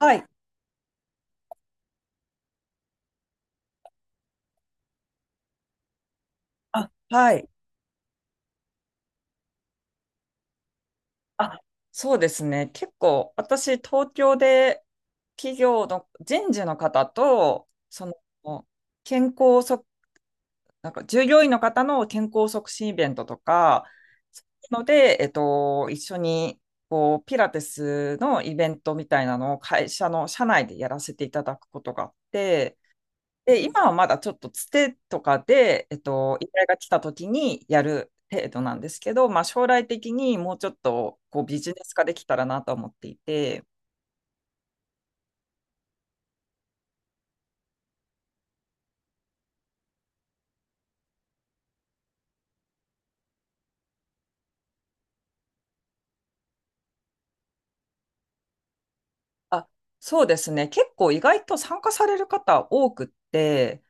はい。あ、はい。あ、そうですね。結構、私、東京で企業の人事の方と、の、健康促、なんか従業員の方の健康促進イベントとか、そういうので、一緒に、こう、ピラティスのイベントみたいなのを会社の社内でやらせていただくことがあって、で、今はまだちょっとつてとかで、依頼が来た時にやる程度なんですけど、まあ、将来的にもうちょっとこうビジネス化できたらなと思っていて、あ、そうですね、結構意外と参加される方多くって、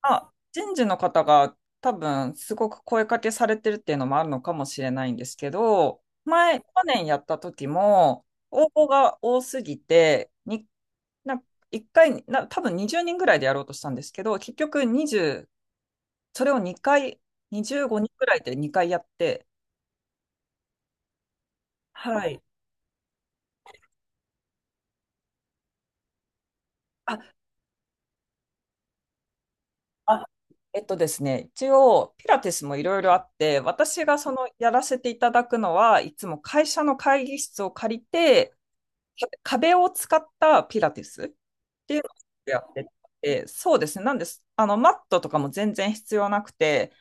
まあ、人事の方が多分すごく声かけされてるっていうのもあるのかもしれないんですけど、前、去年やった時も応募が多すぎて、な1回、多分20人ぐらいでやろうとしたんですけど、結局20、それを2回、25人ぐらいで2回やって、はい。あ、あ、ですね、一応、ピラティスもいろいろあって、私がそのやらせていただくのは、いつも会社の会議室を借りて、壁を使ったピラティスっていうのをやってて、そうですね、なんです。マットとかも全然必要なくて、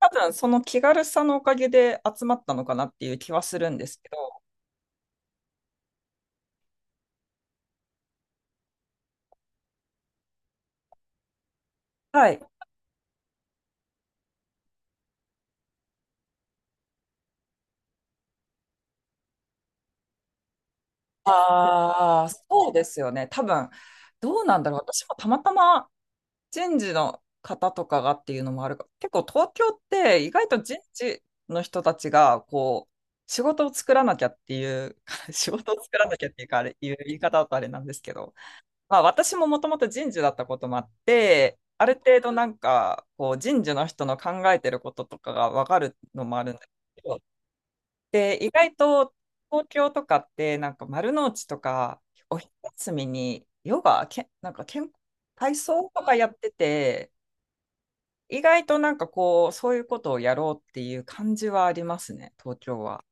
多分その気軽さのおかげで集まったのかなっていう気はするんですけど、はい。ああ、そうですよね。多分、どうなんだろう。私もたまたま人事の方とかがっていうのもあるか結構東京って意外と人事の人たちが、こう、仕事を作らなきゃっていう、仕事を作らなきゃっていうか、あれ、いう言い方だとあれなんですけど、まあ私ももともと人事だったこともあって、ある程度なんか、こう、人事の人の考えてることとかがわかるのもあるんですけどで、意外と東京とかってなんか丸の内とかお昼休みにヨガ、なんか体操とかやってて、意外となんかこう、そういうことをやろうっていう感じはありますね、東京は。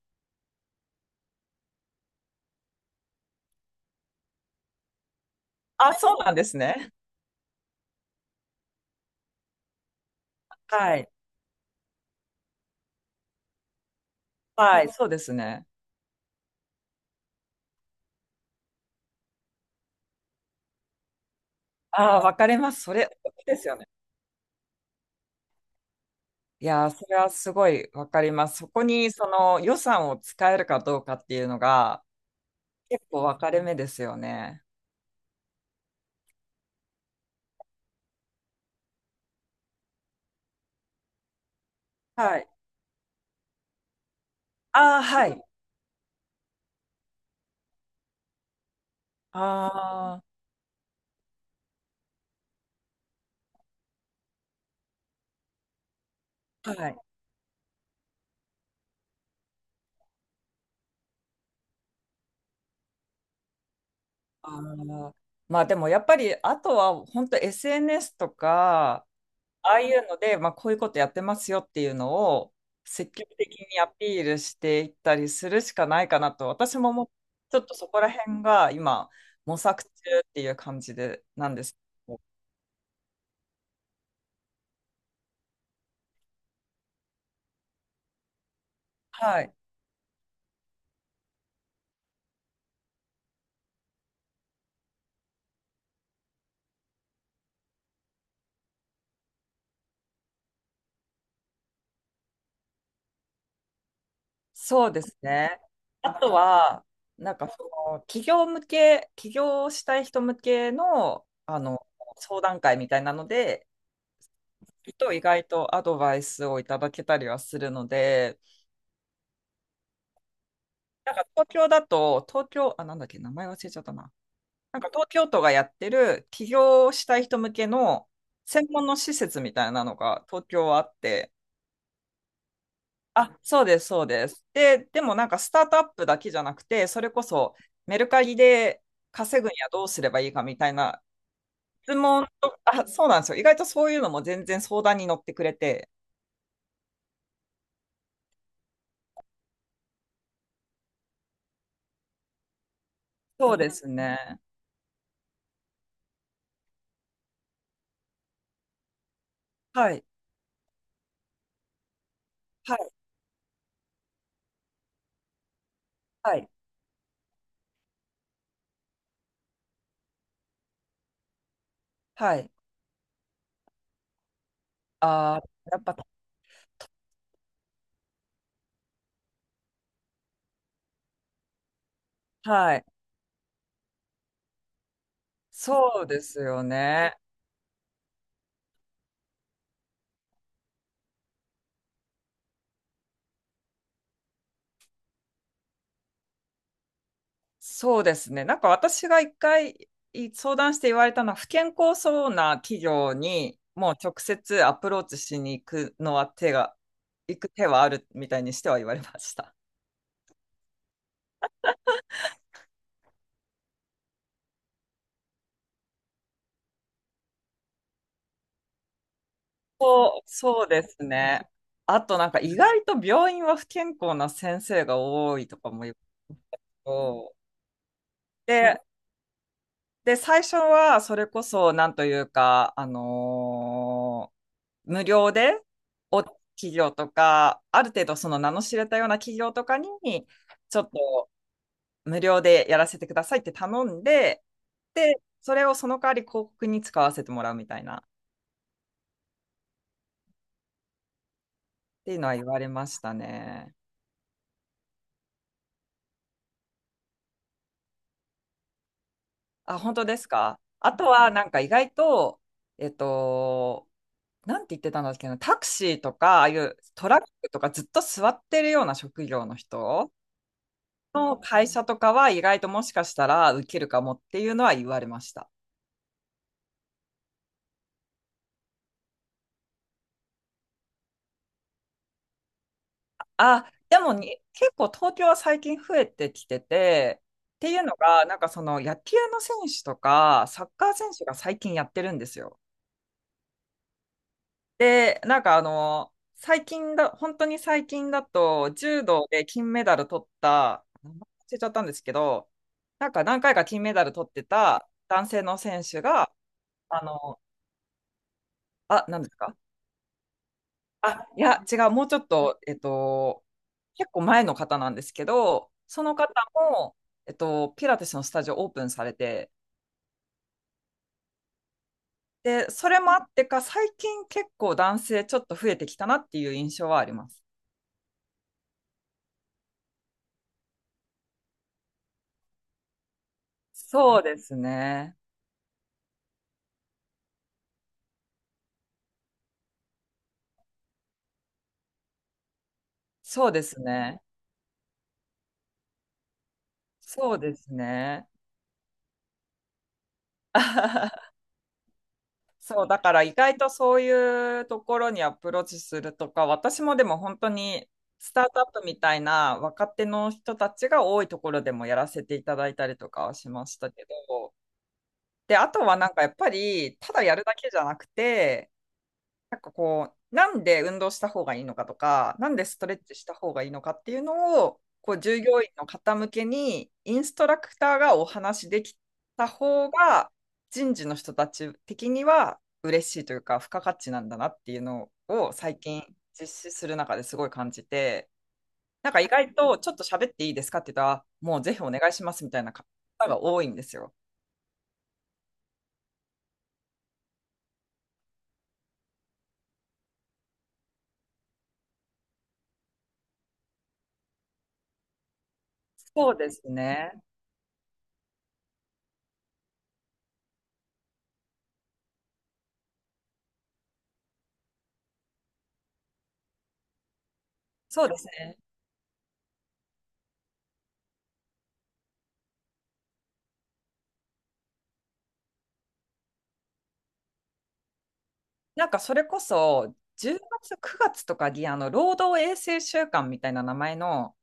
あ、そうなんですね。はい。はい、そうですね。ああ、わかります。それ、ですよね。いやー、それはすごいわかります。そこにその予算を使えるかどうかっていうのが結構分かれ目ですよね。はい。ああ、はい。ああ。はい。あの、まあでもやっぱり、あとは本当 SNS とか、ああいうので、まあこういうことやってますよっていうのを積極的にアピールしていったりするしかないかなと、私ももうちょっとそこら辺が今模索中っていう感じでなんですけど。はい。そうですね。あとは、なんかその企業向け、起業したい人向けの、相談会みたいなので、意外とアドバイスをいただけたりはするので、なんか東京だと、東京、あ、なんだっけ、名前忘れちゃったな。なんか東京都がやってる起業したい人向けの専門の施設みたいなのが東京はあって、あ、そうです、そうです。でもなんかスタートアップだけじゃなくて、それこそメルカリで稼ぐにはどうすればいいかみたいな質問と、あ、そうなんですよ。意外とそういうのも全然相談に乗ってくれて。そうですね。はい、はい、はい、はい。ああ、やっぱ、はい。そうですよね。そうですね。なんか私が一回相談して言われたのは、不健康そうな企業にもう直接アプローチしに行くのは行く手はあるみたいにしては言われました。そう、そうですね。あとなんか意外と病院は不健康な先生が多いとかも言うと、で、で、最初はそれこそなんというか、無料で企業とか、ある程度その名の知れたような企業とかに、ちょっと無料でやらせてくださいって頼んで、で、それをその代わり広告に使わせてもらうみたいなっていうのは言われましたね。あ、本当ですか。あとはなんか意外と、えっと、なんて言ってたんだっけな、タクシーとか、ああいうトラックとかずっと座ってるような職業の人の会社とかは意外ともしかしたら受けるかもっていうのは言われました。あ、でも結構東京は最近増えてきてて、っていうのが、なんか野球の選手とかサッカー選手が最近やってるんですよ。で、なんか最近だ、本当に最近だと、柔道で金メダル取った、名前忘れちゃったんですけど、なんか何回か金メダル取ってた男性の選手が、あの、あ、なんですかあ、いや、違う、もうちょっと、結構前の方なんですけど、その方も、ピラティスのスタジオオープンされて、で、それもあってか、最近結構男性ちょっと増えてきたなっていう印象はあります。そうですね。そうですね。そうですね。そう、だから意外とそういうところにアプローチするとか、私もでも本当にスタートアップみたいな若手の人たちが多いところでもやらせていただいたりとかはしましたけど、で、あとはなんかやっぱり、ただやるだけじゃなくて、なんかこう、なんで運動した方がいいのかとか、なんでストレッチした方がいいのかっていうのを、こう従業員の方向けにインストラクターがお話できた方が、人事の人たち的には嬉しいというか、付加価値なんだなっていうのを最近実施する中ですごい感じて、なんか意外とちょっと喋っていいですかって言ったら、もうぜひお願いしますみたいな方が多いんですよ。そうですね。そうですね。なんかそれこそ10月、9月とかにあの労働衛生週間みたいな名前の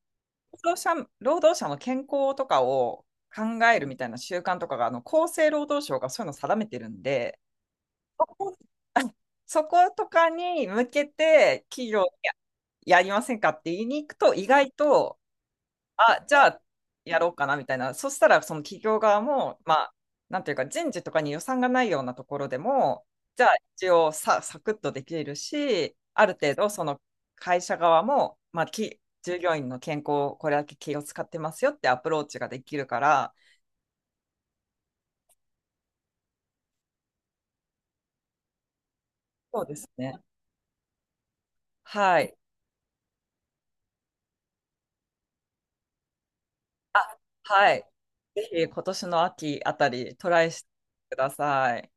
労働者の健康とかを考えるみたいな習慣とかがあの厚生労働省がそういうのを定めてるんで、あそことかに向けて企業にやりませんかって言いに行くと意外とあ、じゃあ、やろうかな、みたいな。そしたら、その企業側も、まあ、なんていうか、人事とかに予算がないようなところでも、じゃあ、一応さ、サクッとできるし、ある程度、その会社側も、まあ、従業員の健康をこれだけ気を使ってますよってアプローチができるから、そうですね。はい。あ、はい。ぜひ、今年の秋あたり、トライしてください。